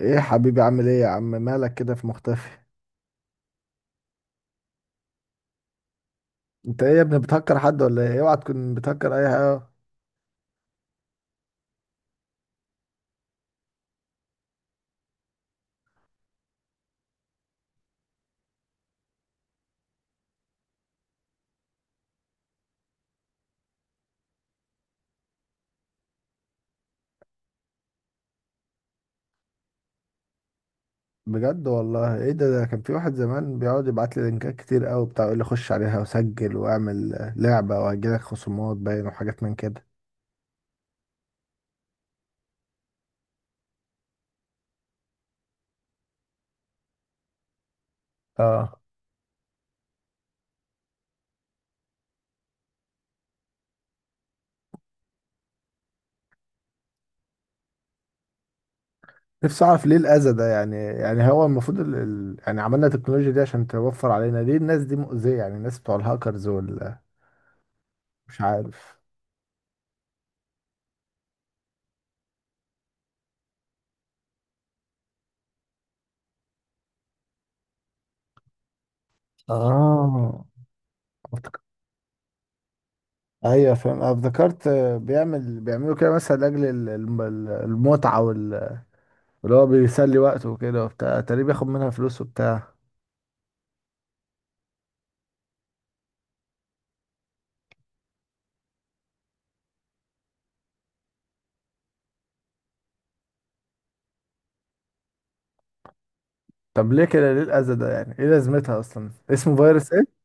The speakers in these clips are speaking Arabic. ايه يا حبيبي، عامل ايه يا عم، مالك كده في مختفي؟ انت ايه يا ابني، بتهكر حد ولا ايه؟ اوعى تكون بتهكر اي حاجه. بجد والله، ايه ده كان في واحد زمان بيقعد يبعت لي لينكات كتير قوي بتاع، يقول لي خش عليها وسجل واعمل لعبه، وهجيلك خصومات باين وحاجات من كده. اه. نفسي اعرف ليه الاذى ده؟ يعني هو المفروض يعني عملنا التكنولوجيا دي عشان توفر علينا، ليه الناس دي مؤذيه؟ يعني الناس بتوع الهاكرز وال، مش عارف. اه. ايوه فاهم. انا افتكرت بيعملوا كده مثلا لاجل المتعه واللي هو بيسلي وقته وكده وبتاع، تقريبا بياخد منها فلوس وبتاع. طب ليه كده؟ ليه الاذى ده؟ يعني ايه لازمتها اصلا، اسمه فيروس ايه؟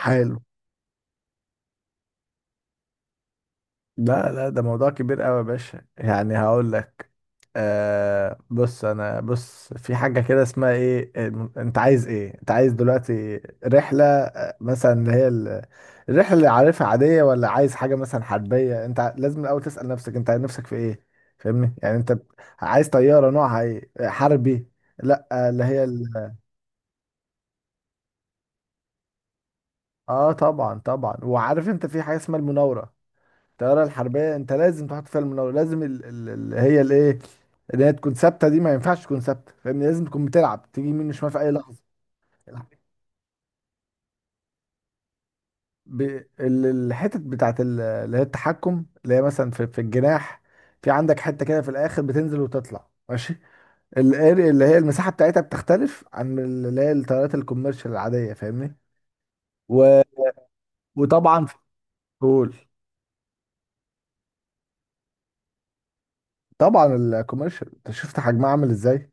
حلو. لا لا، ده موضوع كبير قوي يا باشا، يعني هقول لك. آه بص، انا بص في حاجه كده اسمها ايه. انت عايز ايه؟ انت عايز دلوقتي رحله، مثلا اللي هي الرحلة اللي عارفها عادية، ولا عايز حاجة مثلا حربية؟ انت لازم الاول تسأل نفسك، انت نفسك في ايه. فاهمني؟ يعني انت عايز طيارة نوعها ايه، حربي؟ لا اللي هي اه طبعا طبعا، وعارف انت في حاجة اسمها المناورة. الطيارة الحربية انت لازم تحط فيها المناورة، لازم اللي هي الايه، اللي هي تكون ثابتة، دي ما ينفعش تكون ثابتة، فاهمني؟ لازم تكون بتلعب، تيجي يمين وشمال في اي لحظة. ب... الحتت بتاعت اللي هي التحكم، اللي هي مثلا في الجناح. في عندك حتة كده في الآخر، بتنزل وتطلع ماشي. الاري اللي هي المساحة بتاعتها بتختلف عن اللي هي الطيارات الكوميرشال العادية، فاهمني؟ و... وطبعا في. قول. طبعا الكوميرشال، انت شفت حجمها عامل ازاي.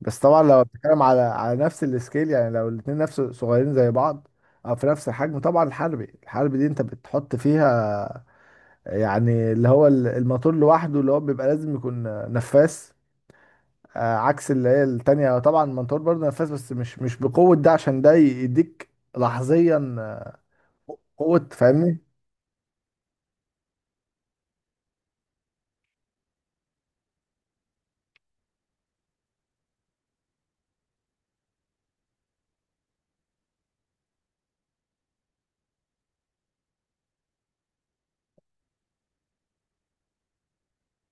بس طبعا لو بتتكلم على نفس السكيل، يعني لو الاتنين نفس، صغيرين زي بعض او في نفس الحجم، طبعا الحربي دي انت بتحط فيها يعني اللي هو الموتور لوحده، اللي هو بيبقى لازم يكون نفاث. عكس اللي هي التانية، طبعا الموتور برضه نفاث، بس مش بقوة ده، عشان ده يديك لحظيا قوة، فاهمني.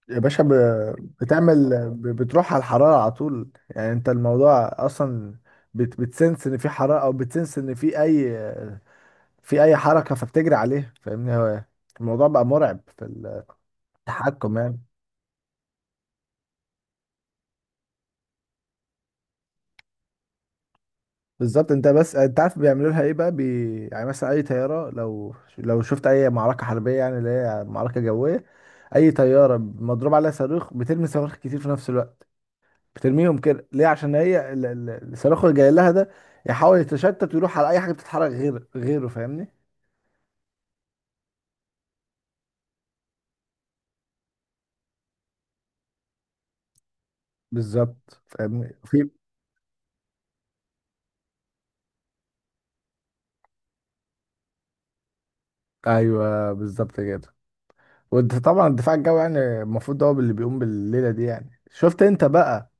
يا باشا، بتعمل، بتروح على الحرارة على طول، يعني انت الموضوع اصلا بتسنس ان في حرارة، او بتسنس ان في اي حركة فبتجري عليها، فاهمني؟ هو الموضوع بقى مرعب في التحكم يعني. بالظبط. انت بس انت عارف بيعملوا لها ايه بقى يعني مثلا اي طياره، لو شفت اي معركه حربيه، يعني اللي هي معركه جويه، اي طياره مضروب عليها صاروخ بترمي صواريخ كتير في نفس الوقت. بترميهم كده ليه؟ عشان هي الصاروخ اللي جاي لها ده يحاول يتشتت ويروح على اي حاجه بتتحرك غير غيره، فاهمني؟ بالظبط، فاهمني في. ايوه بالظبط كده. وانت طبعا الدفاع الجوي يعني المفروض ده هو اللي بيقوم بالليله دي، يعني شفت انت بقى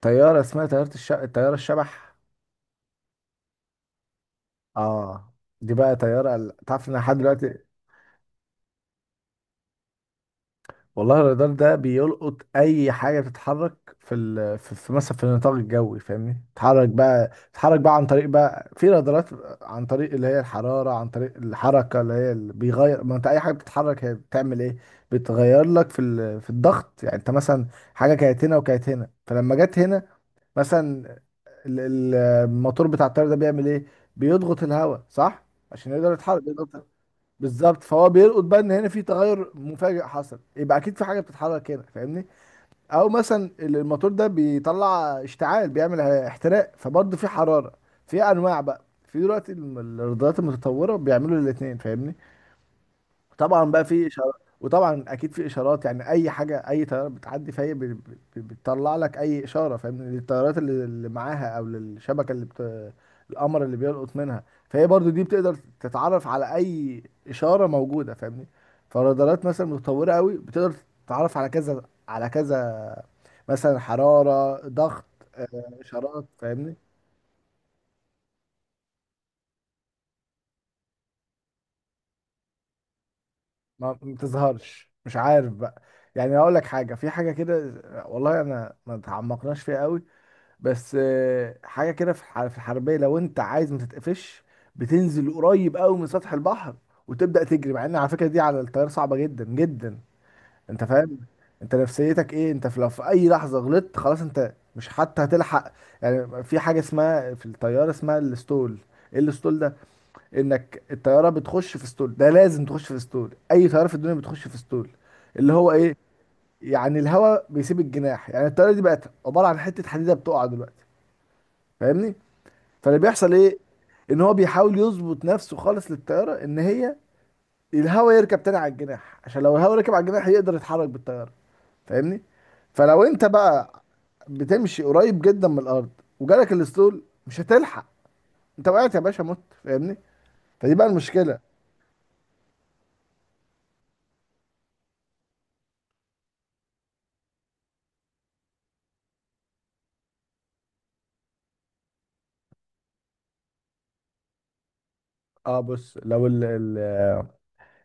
طياره اسمها طياره الشبح. اه. دي بقى طيارة تعرف ان لحد دلوقتي، والله الرادار ده بيلقط اي حاجة بتتحرك في مثلا في النطاق الجوي، فاهمني؟ تتحرك بقى عن طريق بقى في رادارات، عن طريق اللي هي الحرارة، عن طريق الحركة اللي هي اللي بيغير. ما انت اي حاجة بتتحرك هي بتعمل ايه؟ بتغير لك في الضغط، يعني انت مثلا حاجة كانت هنا وكانت هنا، فلما جت هنا مثلا، الموتور بتاع الطيارة ده بيعمل ايه؟ بيضغط الهواء صح، عشان يقدر يتحرك بيضغط، بالظبط. فهو بيلقط بقى ان هنا في تغير مفاجئ حصل، يبقى اكيد في حاجه بتتحرك هنا، فاهمني. او مثلا الموتور ده بيطلع اشتعال، بيعمل احتراق، فبرضه في حراره. في انواع بقى، في دلوقتي الرادارات المتطوره بيعملوا الاثنين، فاهمني. طبعا بقى في اشارات. وطبعا اكيد في اشارات، يعني اي حاجه، اي طياره بتعدي فهي بتطلع لك اي اشاره، فاهم؟ للطيارات اللي معاها، او للشبكه اللي القمر اللي بيلقط منها. فهي برضو دي بتقدر تتعرف على اي اشاره موجوده، فاهمني؟ فالرادارات مثلا متطوره قوي بتقدر تتعرف على كذا، على كذا، مثلا حراره، ضغط، اشارات، فاهمني. ما ما بتظهرش، مش عارف بقى. يعني اقول لك حاجه، في حاجه كده، والله انا ما تعمقناش فيها قوي، بس حاجه كده في في الحربيه، لو انت عايز ما تتقفش، بتنزل قريب قوي من سطح البحر وتبدا تجري، مع ان على فكره دي على الطياره صعبه جدا جدا. انت فاهم؟ انت نفسيتك ايه؟ انت في لو في اي لحظه غلطت خلاص، انت مش حتى هتلحق. يعني في حاجه اسمها في الطياره اسمها الستول. ايه الستول ده؟ انك الطياره بتخش في ستول، ده لازم تخش في ستول، اي طياره في الدنيا بتخش في ستول، اللي هو ايه، يعني الهواء بيسيب الجناح، يعني الطياره دي بقت عباره عن حته حديده بتقع دلوقتي، فاهمني؟ فاللي بيحصل ايه؟ ان هو بيحاول يظبط نفسه خالص للطياره، ان هي الهواء يركب تاني على الجناح، عشان لو الهواء ركب على الجناح يقدر يتحرك بالطياره، فاهمني. فلو انت بقى بتمشي قريب جدا من الارض وجالك الاسطول، مش هتلحق، انت وقعت يا باشا، مت، فاهمني؟ فدي بقى المشكله. اه بص، لو ال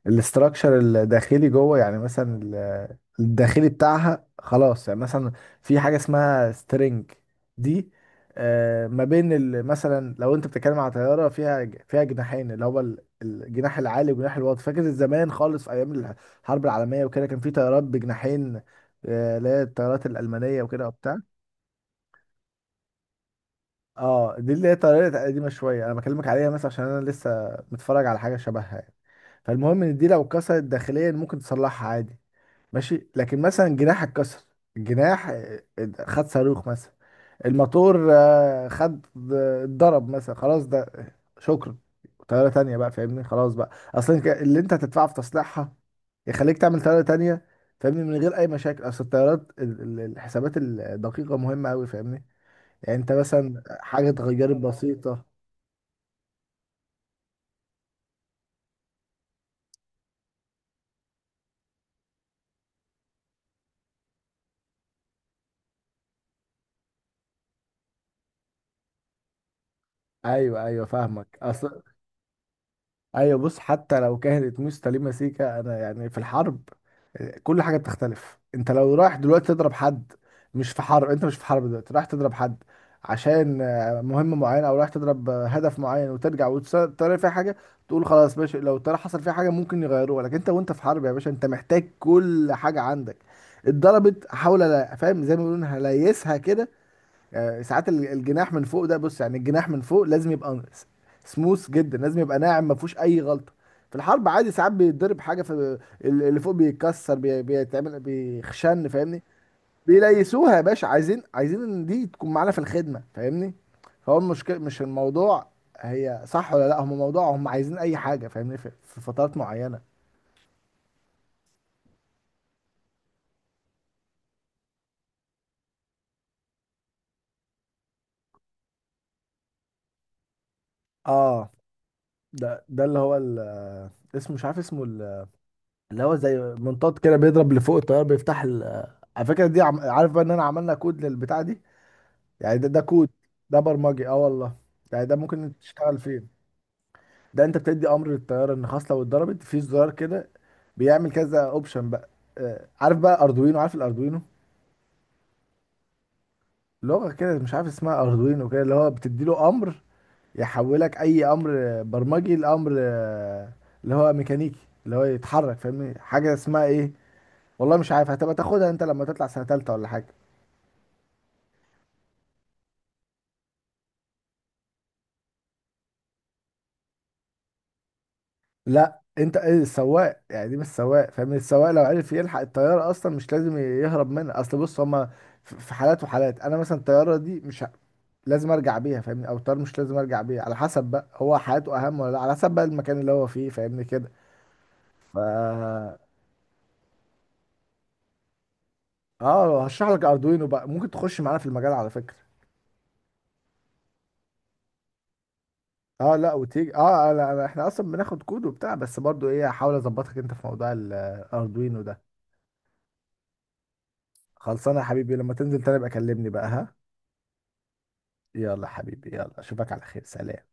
الاستراكشر الداخلي جوه، يعني مثلا الداخلي بتاعها خلاص، يعني مثلا في حاجة اسمها سترينج دي، ما بين مثلا لو انت بتتكلم على طيارة فيها جناحين، اللي هو الجناح العالي والجناح الواطي. فاكر زمان خالص في ايام الحرب العالمية وكده، كان في طيارات بجناحين، اللي هي الطيارات الألمانية وكده وبتاع. اه دي اللي هي طريقة قديمة شوية انا بكلمك عليها، مثلا عشان انا لسه متفرج على حاجة شبهها يعني. فالمهم ان دي لو اتكسرت داخليا ممكن تصلحها عادي، ماشي. لكن مثلا جناح اتكسر، الجناح خد صاروخ مثلا، الموتور خد، اتضرب مثلا، خلاص ده شكرا، طيارة تانية بقى، فاهمني؟ خلاص بقى اصلا اللي انت هتدفعه في تصليحها يخليك تعمل طيارة تانية، فاهمني، من غير اي مشاكل. اصل الطيارات الحسابات الدقيقة مهمة قوي، فاهمني، يعني انت مثلا حاجه اتغيرت بسيطه. ايوه ايوه فاهمك. اصل، ايوه بص، حتى لو كانت مستلمه سيكه، انا يعني في الحرب كل حاجه بتختلف. انت لو رايح دلوقتي تضرب حد، مش في حرب، انت مش في حرب دلوقتي رايح تضرب حد عشان مهمه معينه، او رايح تضرب هدف معين وترجع وترى فيها حاجه، تقول خلاص ماشي، لو ترى حصل فيها حاجه ممكن يغيروها. لكن انت وانت في حرب يا باشا، انت محتاج كل حاجه عندك، اتضربت حاول فاهم، زي ما بيقولوا، هليسها كده. ساعات الجناح من فوق ده، بص يعني الجناح من فوق لازم يبقى سموث جدا، لازم يبقى ناعم، ما فيهوش اي غلطه. في الحرب عادي ساعات بيتضرب حاجه في اللي فوق، بيتكسر، بيتعمل، بيخشن، فاهمني. بيليسوها يا باشا، عايزين عايزين ان دي تكون معانا في الخدمه، فاهمني. فهو المشكله مش الموضوع هي صح ولا لا، هم موضوع هم عايزين اي حاجه، فاهمني، في فترات معينه. اه. ده اللي هو اسمه، مش عارف اسمه، اللي هو زي منطاد كده بيضرب لفوق الطيارة، بيفتح على فكرة دي عارف بقى ان انا عملنا كود للبتاع دي، يعني ده كود، ده برمجي، اه والله. يعني ده ممكن تشتغل فين. ده انت بتدي امر للطيارة ان خلاص لو اتضربت في زرار كده، بيعمل كذا اوبشن بقى. عارف بقى اردوينو؟ عارف الاردوينو، لغة كده مش عارف اسمها اردوينو كده، اللي هو بتدي له امر يحولك اي امر برمجي لامر اللي هو ميكانيكي، اللي هو يتحرك، فاهمني. حاجة اسمها ايه، والله مش عارف، هتبقى تاخدها انت لما تطلع سنة تالتة ولا حاجة. لا انت ايه السواق؟ يعني دي مش سواق، فاهم؟ السواق لو عرف يلحق الطياره اصلا مش لازم يهرب منها. اصل بص، هما في حالات وحالات. انا مثلا الطياره دي مش لازم ارجع بيها، فاهمني، او الطياره مش لازم ارجع بيها، على حسب بقى، هو حياته اهم ولا لا، على حسب بقى المكان اللي هو فيه، فاهمني كده. ف اه، هشرح لك اردوينو بقى، ممكن تخش معانا في المجال على فكره. اه لا، وتيجي، اه لا لا، احنا اصلا بناخد كود وبتاع، بس برضو ايه، هحاول اظبطك انت في موضوع الاردوينو ده. خلصانه يا حبيبي، لما تنزل تاني بقى كلمني بقى، ها. يلا حبيبي، يلا اشوفك على خير، سلام.